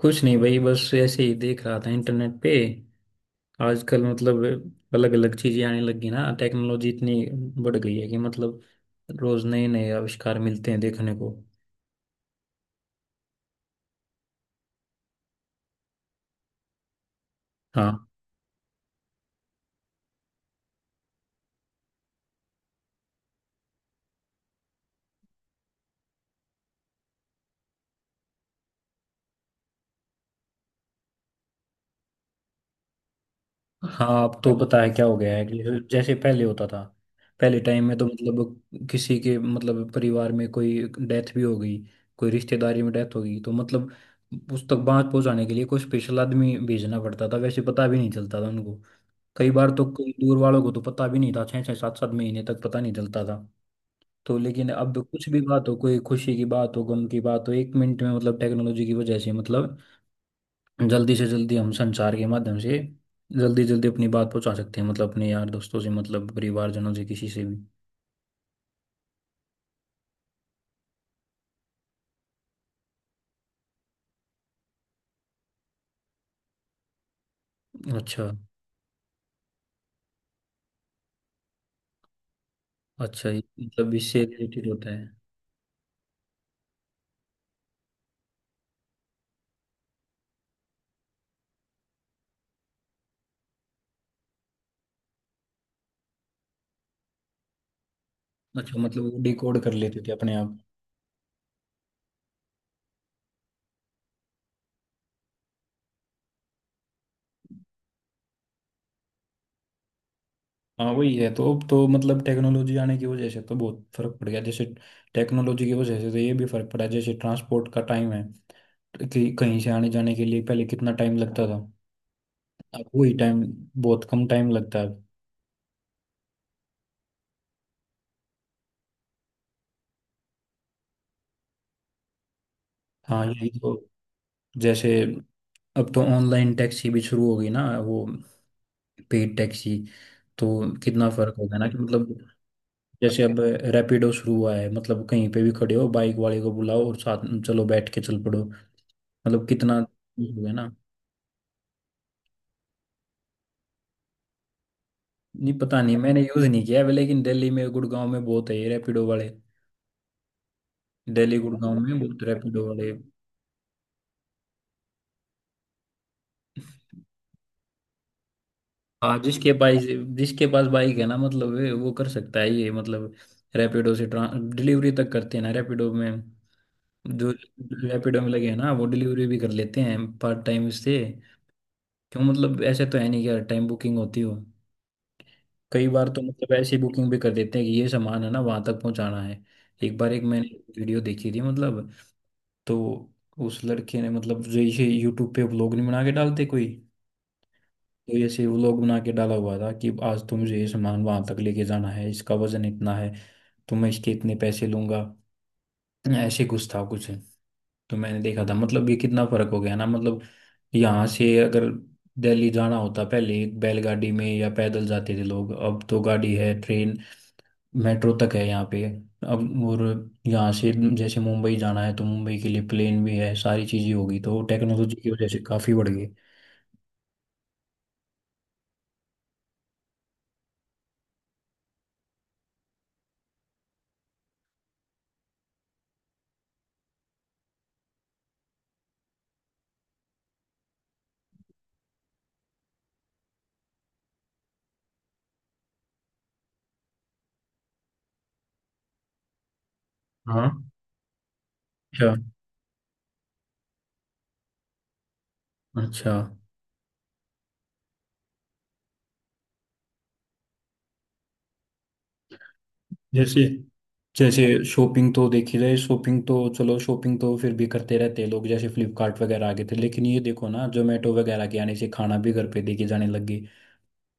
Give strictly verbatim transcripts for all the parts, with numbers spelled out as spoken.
कुछ नहीं भाई, बस ऐसे ही देख रहा था इंटरनेट पे। आजकल मतलब अलग अलग चीजें आने लगी ना, टेक्नोलॉजी इतनी बढ़ गई है कि मतलब रोज नए नए आविष्कार मिलते हैं देखने को। हाँ। हाँ अब तो पता है क्या हो गया है कि जैसे पहले होता था, पहले टाइम में तो मतलब किसी के मतलब परिवार में कोई डेथ भी हो गई, कोई रिश्तेदारी में डेथ हो गई तो मतलब उस तक बात पहुंचाने के लिए कोई स्पेशल आदमी भेजना पड़ता था, वैसे पता भी नहीं चलता था उनको। कई बार तो कई दूर वालों को तो पता भी नहीं था, छः छः सात सात महीने तक पता नहीं चलता था। तो लेकिन अब कुछ भी बात हो, कोई खुशी की बात हो गम की बात हो, एक मिनट में मतलब टेक्नोलॉजी की वजह से मतलब जल्दी से जल्दी हम संचार के माध्यम से जल्दी जल्दी अपनी बात पहुंचा सकते हैं, मतलब अपने यार दोस्तों से मतलब परिवारजनों से किसी से भी। अच्छा। अच्छा ये मतलब इससे रिलेटेड होता है। अच्छा मतलब वो डिकोड कर लेते थे अपने आप। हाँ वही है, तो अब तो मतलब टेक्नोलॉजी आने की वजह से तो बहुत फर्क पड़ गया। जैसे टेक्नोलॉजी की वजह से तो ये भी फर्क पड़ा, जैसे ट्रांसपोर्ट का टाइम है तो कि कहीं से आने जाने के लिए पहले कितना टाइम लगता था, अब वही टाइम बहुत कम टाइम लगता है। हाँ यही तो। जैसे अब तो ऑनलाइन टैक्सी भी शुरू हो गई ना, वो पेड टैक्सी। तो कितना फर्क होगा ना कि मतलब जैसे अब रैपिडो शुरू हुआ है, मतलब कहीं पे भी खड़े हो बाइक वाले को बुलाओ और साथ में चलो बैठ के चल पड़ो। मतलब कितना हो गया ना। नहीं पता नहीं, मैंने यूज नहीं किया है, लेकिन दिल्ली में गुड़गांव में बहुत है ये रैपिडो वाले। दिल्ली गुड़गांव में बहुत रैपिडो वाले। हाँ जिसके पास जिसके पास बाइक है ना, मतलब वे- वो कर सकता है ये। मतलब रैपिडो से ट्रां डिलीवरी तक करते हैं ना रैपिडो में। जो रैपिडो में लगे हैं ना वो डिलीवरी भी कर लेते हैं पार्ट टाइम से। क्यों मतलब ऐसे तो है नहीं कि हर टाइम बुकिंग होती हो। कई बार तो मतलब ऐसी बुकिंग भी कर देते हैं कि ये सामान है ना वहां तक पहुंचाना है। एक बार एक मैंने वीडियो देखी थी मतलब, तो उस लड़के ने मतलब जो ये यूट्यूब पे व्लॉग नहीं बना के डालते कोई, तो ऐसे व्लॉग बना के डाला हुआ था कि आज तुम ये सामान वहां तक लेके जाना है, इसका वजन इतना है तो मैं इसके इतने पैसे लूंगा, ऐसे कुछ था कुछ। तो मैंने देखा था मतलब ये कितना फर्क हो गया ना। मतलब यहाँ से अगर दिल्ली जाना होता पहले बैलगाड़ी में या पैदल जाते थे लोग, अब तो गाड़ी है ट्रेन, मेट्रो तक है यहाँ पे अब। और यहाँ से जैसे मुंबई जाना है तो मुंबई के लिए प्लेन भी है, सारी चीजें होगी, तो टेक्नोलॉजी की वजह से काफी बढ़ गई। हाँ। अच्छा अच्छा। जैसे जैसे शॉपिंग तो देखी जाए, शॉपिंग तो चलो शॉपिंग तो फिर भी करते रहते हैं लोग, जैसे फ्लिपकार्ट वगैरह आ गए थे, लेकिन ये देखो ना जोमेटो वगैरह के आने से खाना भी घर पे देके जाने लग गई।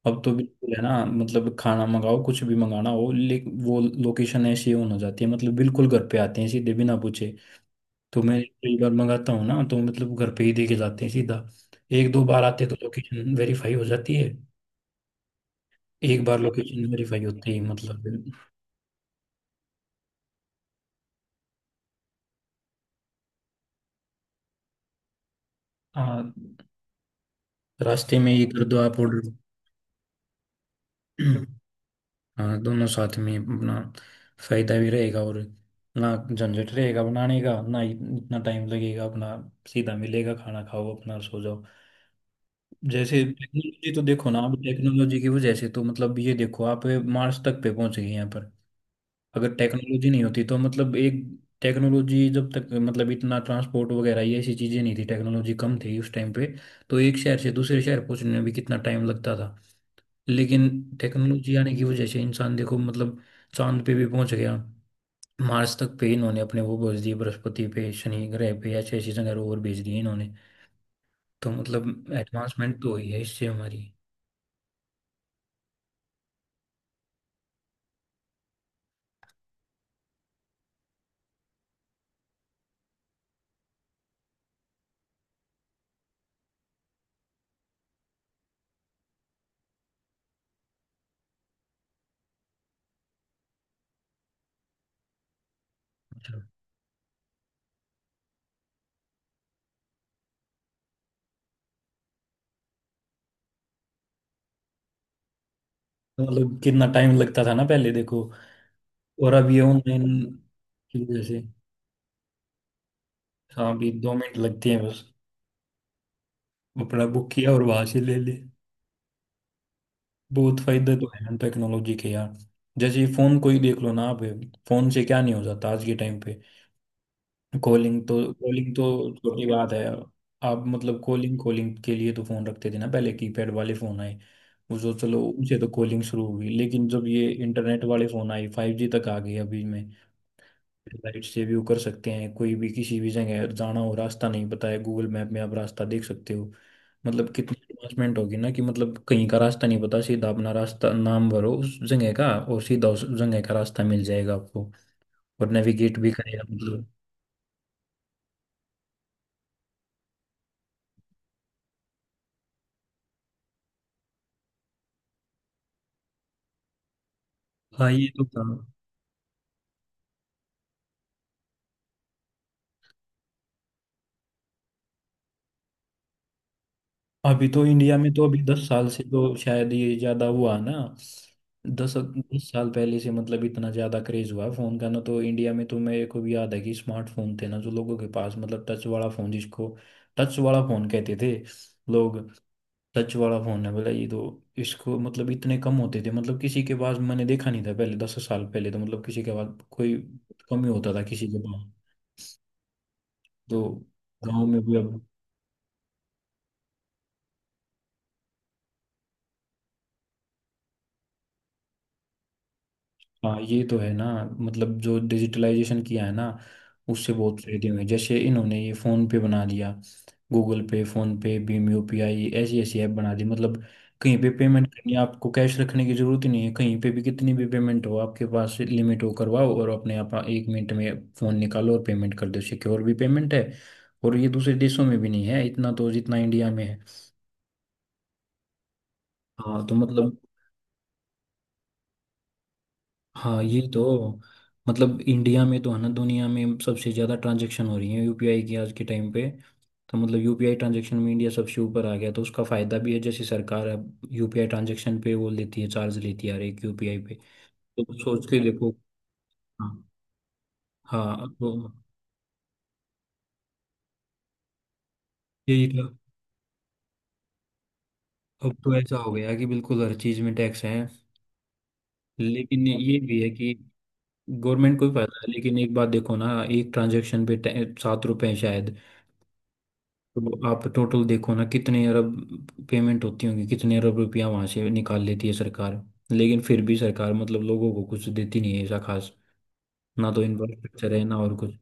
अब तो बिल्कुल है ना, मतलब खाना मंगाओ कुछ भी मंगाना हो, लेकिन वो लोकेशन ऐसी ऑन हो जाती है मतलब बिल्कुल घर पे आते हैं सीधे बिना पूछे। तो मैं कई बार मंगाता हूँ ना तो मतलब घर पे ही देके जाते हैं सीधा। एक दो बार आते तो लोकेशन वेरीफाई हो जाती है। एक बार लोकेशन वेरीफाई होती है मतलब। हाँ रास्ते में ही कर दो आप ऑर्डर। हाँ दोनों साथ में अपना फायदा भी रहेगा, और ना झंझट रहेगा बनाने का, ना इ- इतना टाइम लगेगा अपना, सीधा मिलेगा खाना खाओ अपना सो जाओ। जैसे टेक्नोलॉजी तो देखो ना, अब टेक्नोलॉजी की वजह से तो मतलब ये देखो आप मार्स तक पे पहुंच गए हैं यहाँ पर। अगर टेक्नोलॉजी नहीं होती तो मतलब एक टेक्नोलॉजी जब तक मतलब इतना ट्रांसपोर्ट वगैरह ये ऐसी चीजें नहीं थी, टेक्नोलॉजी कम थी उस टाइम पे, तो एक शहर से दूसरे शहर पहुंचने में भी कितना टाइम लगता था। लेकिन टेक्नोलॉजी आने की वजह से इंसान देखो, मतलब चांद पे भी पहुंच गया, मार्स तक पे इन्होंने अपने वो भेज दिए, बृहस्पति पे शनि ग्रह पे ऐसे ऐसी जगह रोवर भेज दिए इन्होंने। तो मतलब एडवांसमेंट तो हुई है इससे हमारी। मतलब तो मतलब कितना टाइम लगता था ना पहले देखो, और अब ये ऑनलाइन की वजह से। हाँ अभी दो मिनट लगते हैं बस, अपना बुक किया और वहां से ले ले। बहुत फायदा तो है टेक्नोलॉजी के यार। जैसे फोन कोई देख लो ना आप, फोन से क्या नहीं हो जाता आज के टाइम पे। कॉलिंग तो कॉलिंग तो छोटी बात है। आप मतलब कॉलिंग कॉलिंग के लिए तो फोन रखते थे ना पहले, कीपैड वाले फोन आए, उसको चलो उनसे तो कॉलिंग शुरू हुई, लेकिन जब ये इंटरनेट वाले फोन आए फ़ाइव जी तक आ गए अभी में, लाइट से व्यू कर सकते हैं, कोई भी किसी भी जगह जाना हो रास्ता नहीं पता है गूगल मैप में आप रास्ता देख सकते हो। मतलब कितनी एडवांसमेंट होगी ना कि मतलब कहीं का रास्ता नहीं पता, सीधा अपना रास्ता नाम भरो उस जगह का और सीधा उस जगह का रास्ता मिल जाएगा आपको, और नेविगेट भी करेगा मतलब। हाँ ये तो था। अभी तो इंडिया में तो अभी दस साल से तो शायद ये ज्यादा हुआ ना। दस दस साल पहले से मतलब इतना ज्यादा क्रेज हुआ है फोन का ना, तो इंडिया में तो मेरे को भी याद है कि स्मार्टफोन थे ना जो लोगों के पास, मतलब टच वाला फोन जिसको टच वाला फोन कहते थे लोग, टच वाला फोन है बोला ये तो, इसको मतलब इतने कम होते थे, मतलब किसी के पास मैंने देखा नहीं था पहले, दस साल पहले तो मतलब किसी के पास कोई कम ही होता था किसी के पास। तो गाँव में भी अब। हाँ ये तो है ना। मतलब जो डिजिटलाइजेशन किया है ना उससे बहुत फायदे हुए, जैसे इन्होंने ये फोन पे बना दिया गूगल पे फोन पे भीम यूपीआई ऐसी ऐसी ऐप बना दी, मतलब कहीं पे पेमेंट करनी है आपको कैश रखने की जरूरत ही नहीं है, कहीं पे भी कितनी भी पेमेंट हो आपके पास लिमिट हो करवाओ और अपने आप एक मिनट में फोन निकालो और पेमेंट कर दो, सिक्योर भी पेमेंट है, और ये दूसरे देशों में भी नहीं है इतना तो जितना इंडिया में है। हाँ तो मतलब। हाँ ये तो। मतलब इंडिया में तो है ना, दुनिया में सबसे ज़्यादा ट्रांजैक्शन हो रही है यूपीआई की आज के टाइम पे। तो मतलब यूपीआई ट्रांजैक्शन में इंडिया सबसे ऊपर आ गया, तो उसका फ़ायदा भी है, जैसे सरकार अब यूपीआई ट्रांजैक्शन पे वो लेती है चार्ज लेती है हर एक यूपीआई पे। तो सोच के देखो। हाँ। हाँ अब तो यही था। अब तो ऐसा हो गया कि बिल्कुल हर चीज़ में टैक्स है। लेकिन ये भी है कि गवर्नमेंट को भी फायदा है, लेकिन एक बात देखो ना एक ट्रांजैक्शन पे टै- सात रुपए हैं शायद। तो आप टोटल देखो ना कितने अरब पेमेंट होती होंगी, कितने अरब रुपया वहां से निकाल लेती है सरकार। लेकिन फिर भी सरकार मतलब लोगों को कुछ देती नहीं है ऐसा खास, ना तो इंफ्रास्ट्रक्चर है ना और कुछ।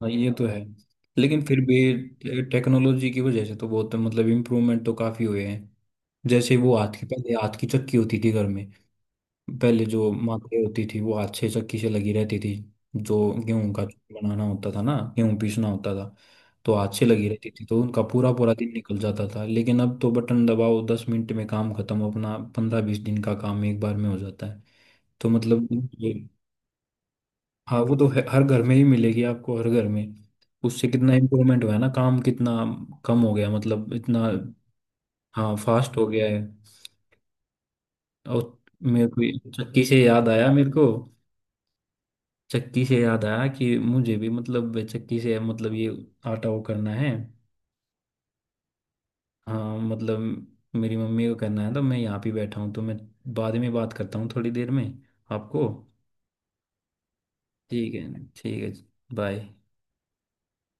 हाँ ये तो है। लेकिन फिर भी टेक्नोलॉजी की वजह से तो बहुत मतलब इम्प्रूवमेंट तो काफी हुए हैं, जैसे वो हाथ की पहले हाथ की चक्की होती थी घर में। पहले जो माथे होती थी वो हाथ से चक्की से लगी रहती थी, जो गेहूं का चूर बनाना होता था ना गेहूं पीसना होता था तो हाथ से लगी रहती थी, तो उनका पूरा पूरा दिन निकल जाता था, लेकिन अब तो बटन दबाओ दस मिनट में काम खत्म, अपना पंद्रह बीस दिन का काम एक बार में हो जाता है। तो मतलब ये। हाँ वो तो है, हर घर में ही मिलेगी आपको, हर घर में। उससे कितना इम्प्रूवमेंट हुआ है ना, काम कितना कम हो गया मतलब इतना। हाँ फास्ट हो गया है। और मेरे को ये चक्की से याद आया, मेरे को चक्की से याद आया कि मुझे भी मतलब चक्की से मतलब ये आटा वो करना है। हाँ मतलब मेरी मम्मी को करना है तो मैं यहाँ पे बैठा हूँ, तो मैं बाद में बात करता हूँ थोड़ी देर में आपको। ठीक है ठीक है। बाय।